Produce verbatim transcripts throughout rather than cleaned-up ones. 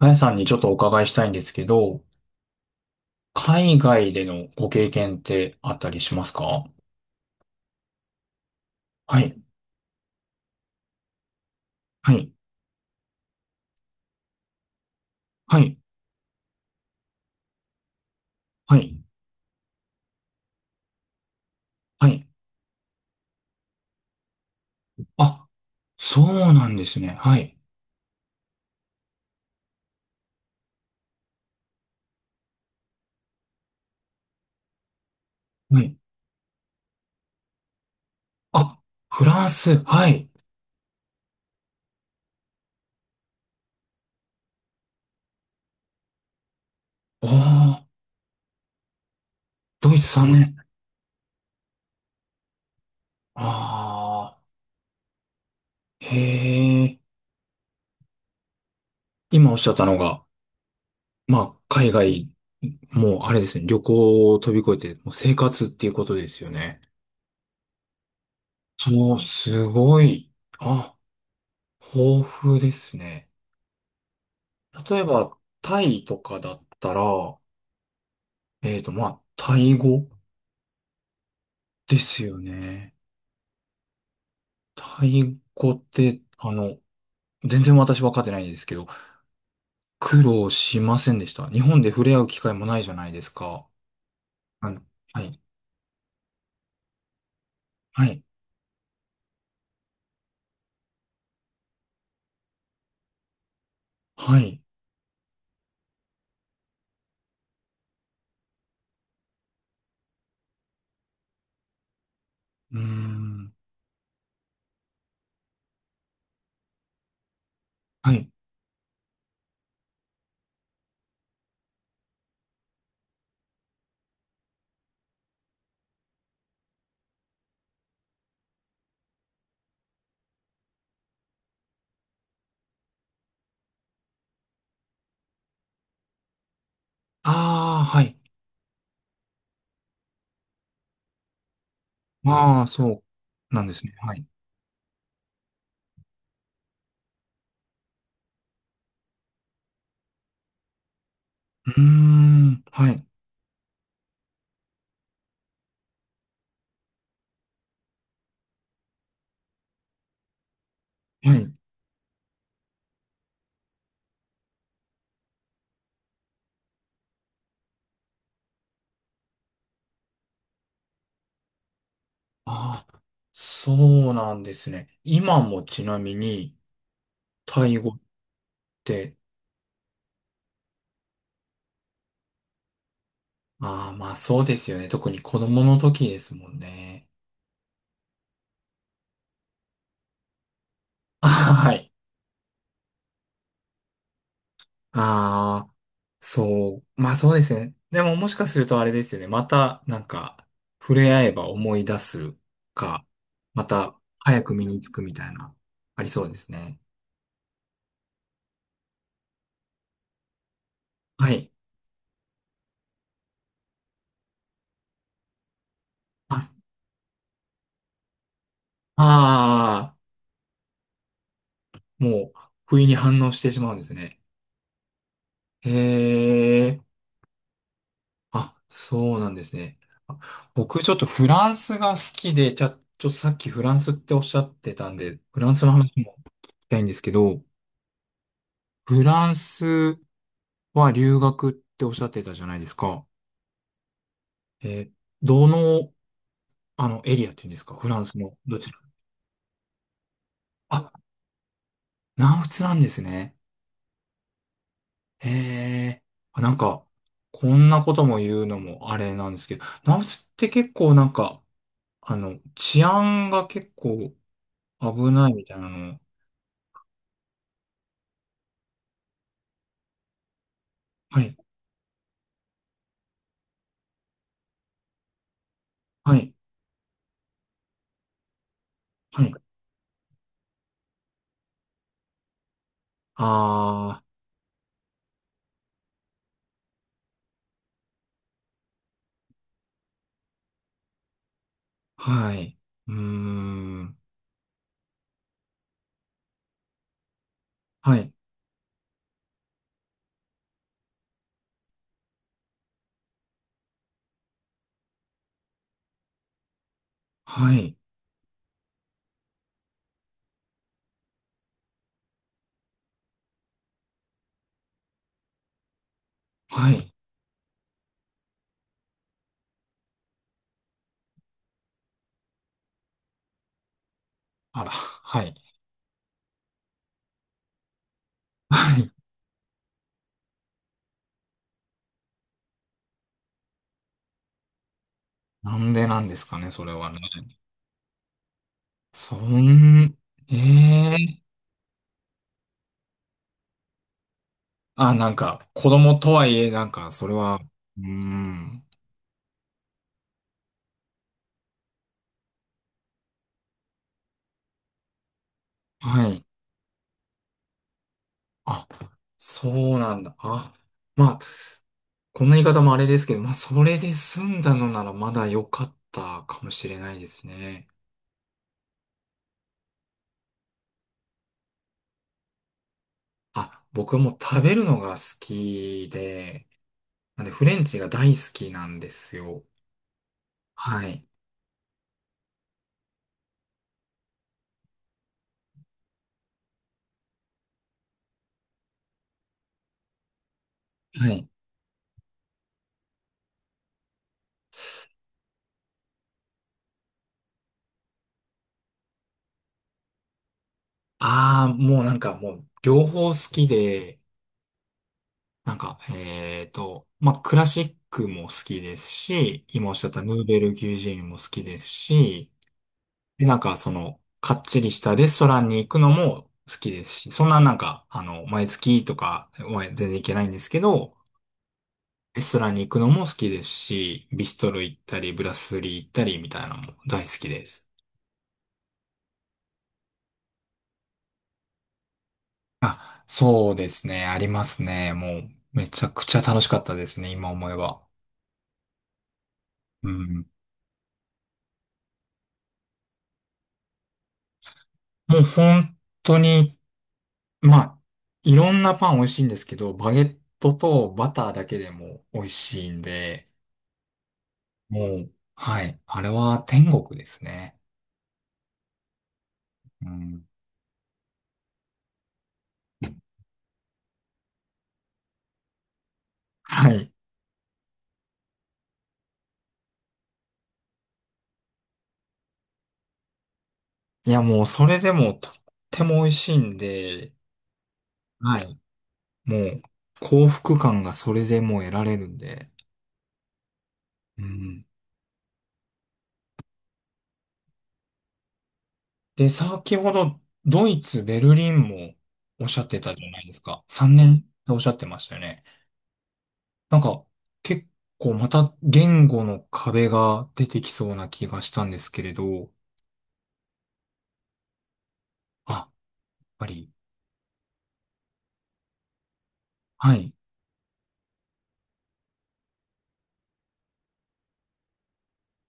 あやさんにちょっとお伺いしたいんですけど、海外でのご経験ってあったりしますか？はい、はい、はい、はい、はい。あ、そうなんですね。はい、はい。あ、フランス、はい。おー、ドイツさんねん。あー、へー。今おっしゃったのが、まあ、海外、もうあれですね、旅行を飛び越えて、もう生活っていうことですよね。そう、すごい。あ、豊富ですね。例えば、タイとかだったら、えっと、まあ、タイ語ですよね。タイ語って、あの、全然私分かってないですけど、苦労しませんでした。日本で触れ合う機会もないじゃないですか。あのはい。はい。はい。うーん。はい。ああ、はい。ああ、そうなんですね。はい。うーん。はい。はい。ああ、そうなんですね。今もちなみに、タイ語って？ああ、まあそうですよね。特に子供の時ですもんね。あ、はい。ああ、そう。まあそうですね。でももしかするとあれですよね。またなんか触れ合えば思い出すか、また早く身につくみたいな、ありそうですね。はい。ああー、もう不意に反応してしまうんですね。へえ。あ、そうなんですね。あ、僕ちょっとフランスが好きで、じゃあ、ちょっとさっきフランスっておっしゃってたんで、フランスの話も聞きたいんですけど、フランスは留学っておっしゃってたじゃないですか。えーどの、あの、エリアっていうんですかフランスの、どちら？あ、南仏なんですね。へえ。あ、なんか、こんなことも言うのもあれなんですけど、南仏って結構なんか、あの、治安が結構危ないみたいなの。はい、はい、はい。ああ、はい。うーん。はい、はい、はい。あら、はい。はい。なんでなんですかね、それはね。そん、ええー、あ、なんか、子供とはいえ、なんか、それは、うーん。はい。あ、そうなんだ。あ、まあ、こんな言い方もあれですけど、まあ、それで済んだのならまだ良かったかもしれないですね。あ、僕はもう食べるのが好きで、なんでフレンチが大好きなんですよ。はい。はい。ああ、もうなんかもう両方好きで、なんか、えっと、まあ、クラシックも好きですし、今おっしゃったヌーベルギュジーンも好きですし、で、なんかその、かっちりしたレストランに行くのも好きですし、そんななんか、あの、毎月とか、まあ全然行けないんですけど、レストランに行くのも好きですし、ビストロ行ったり、ブラスリー行ったりみたいなのも大好きです。あ、そうですね。ありますね。もう、めちゃくちゃ楽しかったですね。今思えば。うん。もう本当に、まあ、いろんなパン美味しいんですけど、バゲットとバターだけでも美味しいんで、もう、はい。あれは天国ですね。うん。はい。いや、もうそれでもとっても美味しいんで、はい。もう幸福感がそれでもう得られるんで。うん。で、先ほどドイツ、ベルリンもおっしゃってたじゃないですか。さんねんっておっしゃってましたよね。なんか結構また言語の壁が出てきそうな気がしたんですけれど。あ、やっぱり。はい。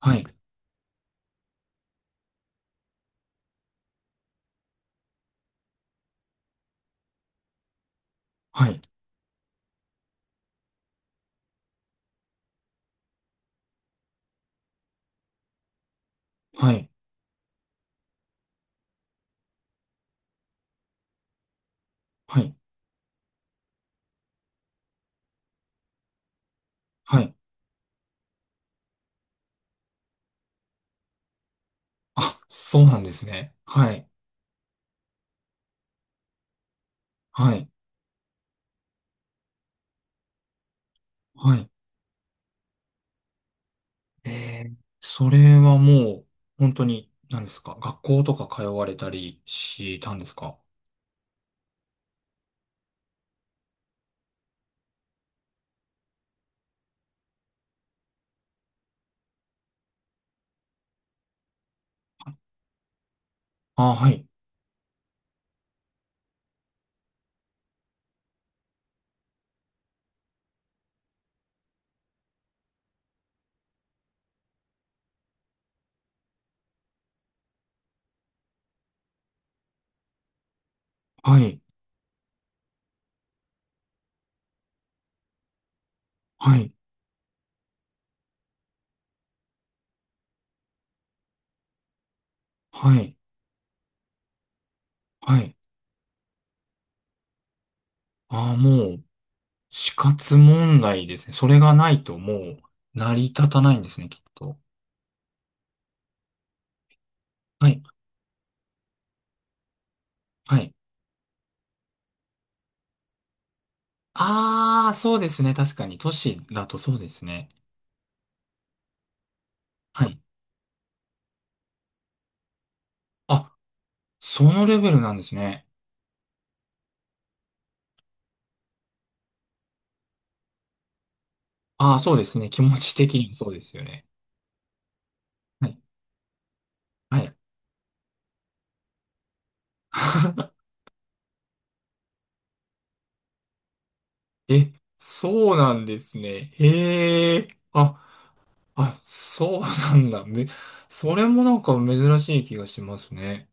はい。はい。はい。はい。はい。あ、そうなんですね。はい。はい。はい。ええ、それはもう、本当に、何ですか学校とか通われたりしたんですか？あ、はい、はい、はい、はい、はい。ああ、もう、死活問題ですね。それがないともう、成り立たないんですね、きっと。はい、はい。ああ、そうですね。確かに、都市だとそうですね。はい。あ、そのレベルなんですね。ああ、そうですね。気持ち的にもそうですよね。はい、はい。え、そうなんですね。へえ。あ、あ、そうなんだ。め、それもなんか珍しい気がしますね。